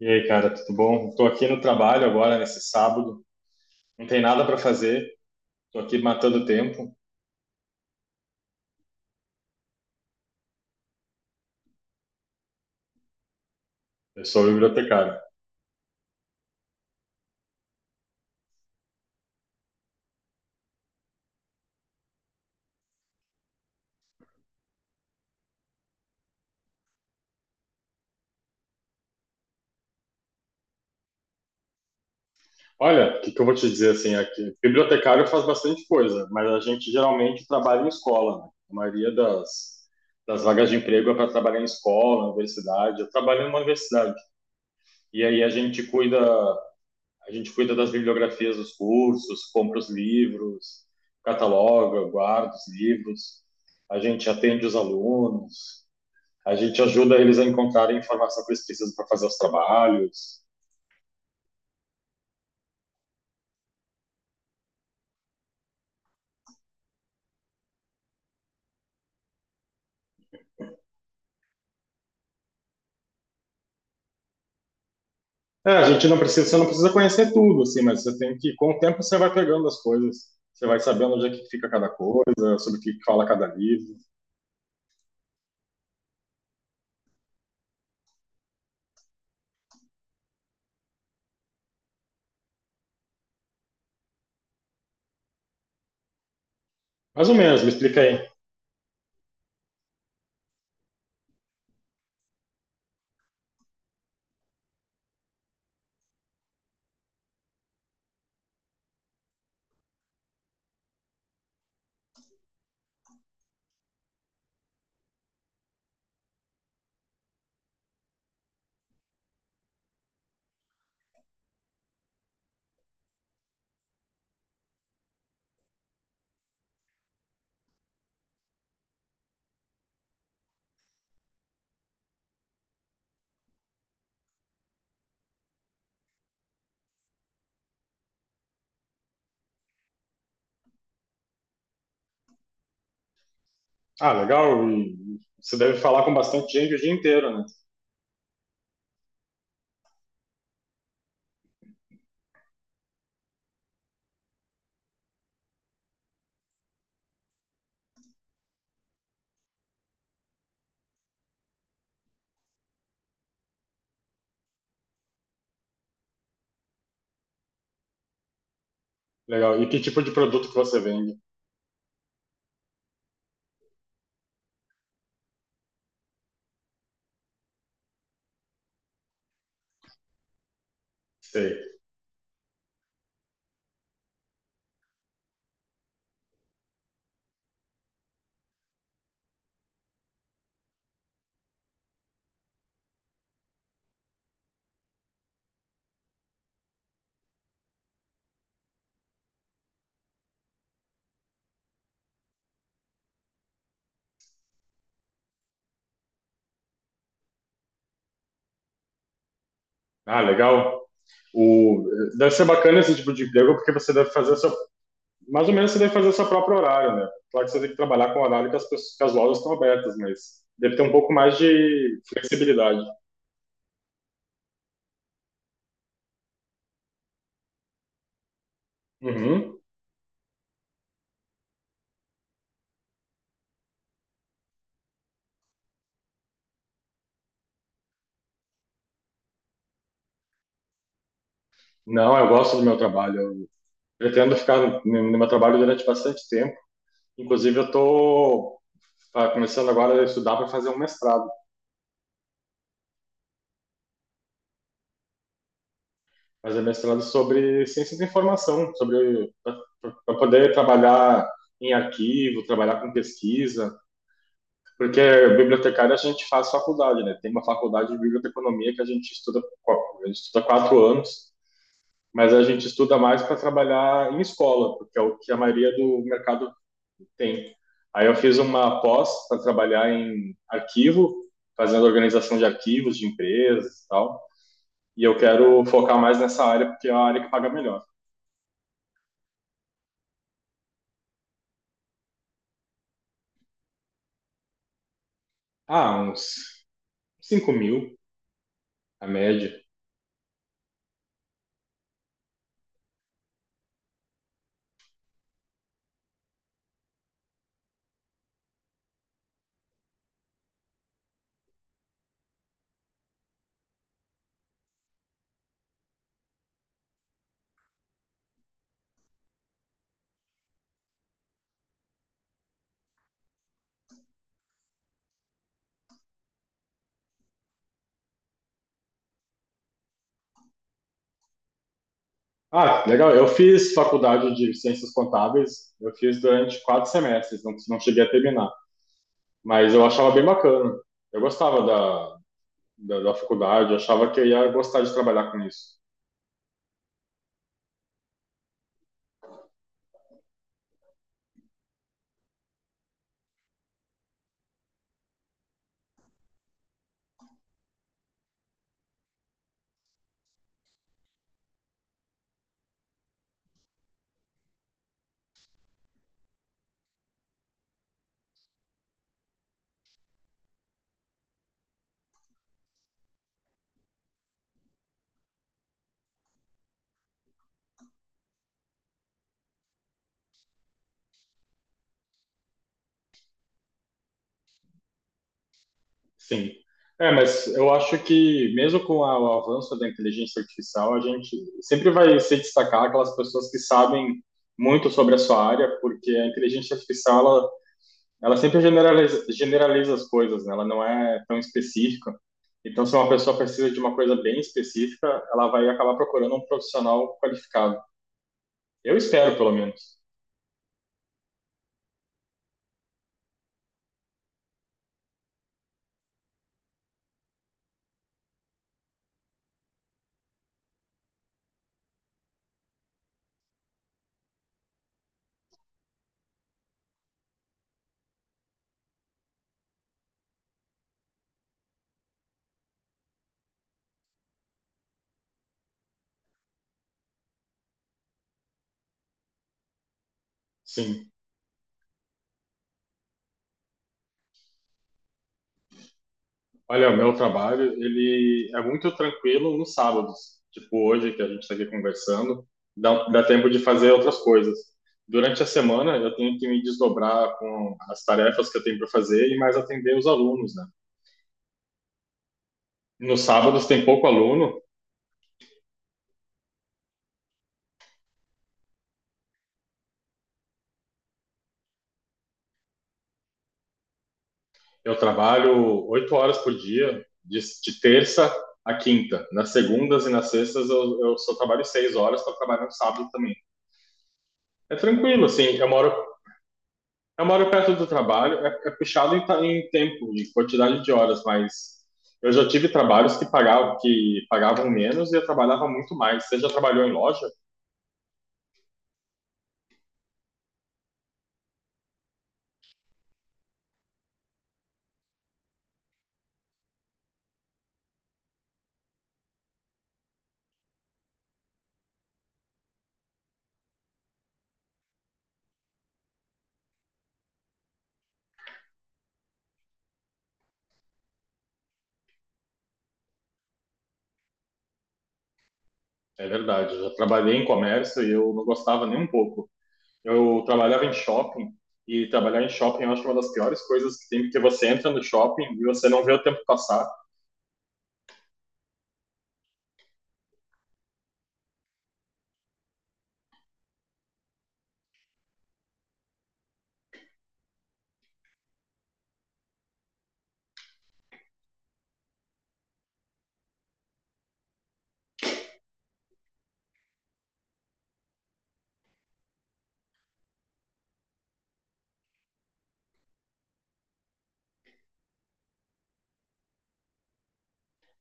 E aí, cara, tudo bom? Tô aqui no trabalho agora, nesse sábado. Não tem nada para fazer. Tô aqui matando tempo. Eu sou bibliotecário. Olha, o que que eu vou te dizer assim aqui? Bibliotecário faz bastante coisa, mas a gente geralmente trabalha em escola, né? A maioria das vagas de emprego é para trabalhar em escola, universidade. Eu trabalho numa universidade. E aí a gente cuida das bibliografias dos cursos, compra os livros, cataloga, guarda os livros. A gente atende os alunos. A gente ajuda eles a encontrarem a informação que eles precisam para fazer os trabalhos. É, a gente não precisa, você não precisa conhecer tudo, assim, mas você tem que, com o tempo, você vai pegando as coisas, você vai sabendo onde é que fica cada coisa, sobre o que fala cada livro. Mais ou menos, me explica aí. Ah, legal, e você deve falar com bastante gente o dia inteiro, né? Legal. E que tipo de produto que você vende? Sei. Ah, legal. O, deve ser bacana esse tipo de emprego, porque você deve fazer o seu, mais ou menos você deve fazer o seu próprio horário, né? Claro que você tem que trabalhar com o horário que as pessoas, que as lojas estão abertas, mas deve ter um pouco mais de flexibilidade. Uhum. Não, eu gosto do meu trabalho. Eu pretendo ficar no meu trabalho durante bastante tempo. Inclusive, eu estou começando agora a estudar para fazer um mestrado, fazer mestrado sobre ciência da informação, sobre para poder trabalhar em arquivo, trabalhar com pesquisa. Porque bibliotecário a gente faz faculdade, né? Tem uma faculdade de biblioteconomia que a gente estuda quatro anos, mas a gente estuda mais para trabalhar em escola, porque é o que a maioria do mercado tem. Aí eu fiz uma pós para trabalhar em arquivo, fazendo organização de arquivos de empresas e tal. E eu quero focar mais nessa área, porque é a área que paga melhor. Ah, uns 5 mil, a média. Ah, legal. Eu fiz faculdade de ciências contábeis, eu fiz durante quatro semestres, não, não cheguei a terminar, mas eu achava bem bacana. Eu gostava da faculdade, eu achava que eu ia gostar de trabalhar com isso. Sim. É, mas eu acho que mesmo com o avanço da inteligência artificial, a gente sempre vai se destacar aquelas pessoas que sabem muito sobre a sua área, porque a inteligência artificial, ela sempre generaliza, generaliza as coisas, né? Ela não é tão específica. Então, se uma pessoa precisa de uma coisa bem específica, ela vai acabar procurando um profissional qualificado. Eu espero, pelo menos. Sim. Olha, o meu trabalho, ele é muito tranquilo nos sábados. Tipo hoje, que a gente está aqui conversando, dá tempo de fazer outras coisas. Durante a semana, eu tenho que me desdobrar com as tarefas que eu tenho para fazer e mais atender os alunos, né? Nos sábados tem pouco aluno. Eu trabalho oito horas por dia, de terça a quinta. Nas segundas e nas sextas eu só trabalho seis horas, estou trabalhando sábado também. É tranquilo, assim, eu moro perto do trabalho, é é puxado em, em tempo, em quantidade de horas, mas eu já tive trabalhos que pagavam menos e eu trabalhava muito mais. Você já trabalhou em loja? É verdade, eu já trabalhei em comércio e eu não gostava nem um pouco. Eu trabalhava em shopping e trabalhar em shopping eu acho uma das piores coisas que tem, porque você entra no shopping e você não vê o tempo passar.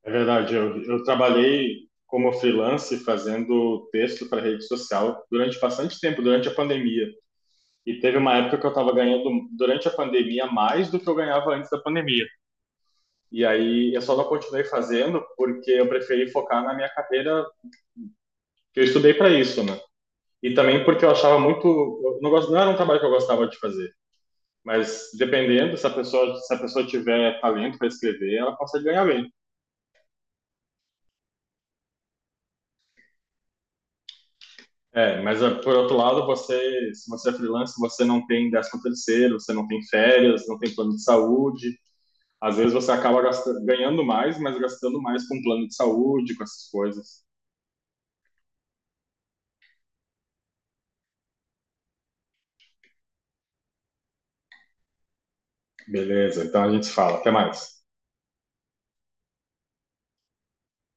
É verdade, eu trabalhei como freelance fazendo texto para rede social durante bastante tempo, durante a pandemia. E teve uma época que eu estava ganhando durante a pandemia mais do que eu ganhava antes da pandemia. E aí eu só não continuei fazendo porque eu preferi focar na minha carreira, que eu estudei para isso, né? E também porque eu achava muito, eu não, gosto, não era um trabalho que eu gostava de fazer. Mas dependendo, se a pessoa, se a pessoa tiver talento para escrever, ela consegue ganhar bem. É, mas ah, por outro lado, você, se você é freelancer, você não tem 13º terceiro, você não tem férias, não tem plano de saúde. Às vezes você acaba gastando, ganhando mais, mas gastando mais com plano de saúde, com essas coisas. Beleza, então a gente fala. Até mais.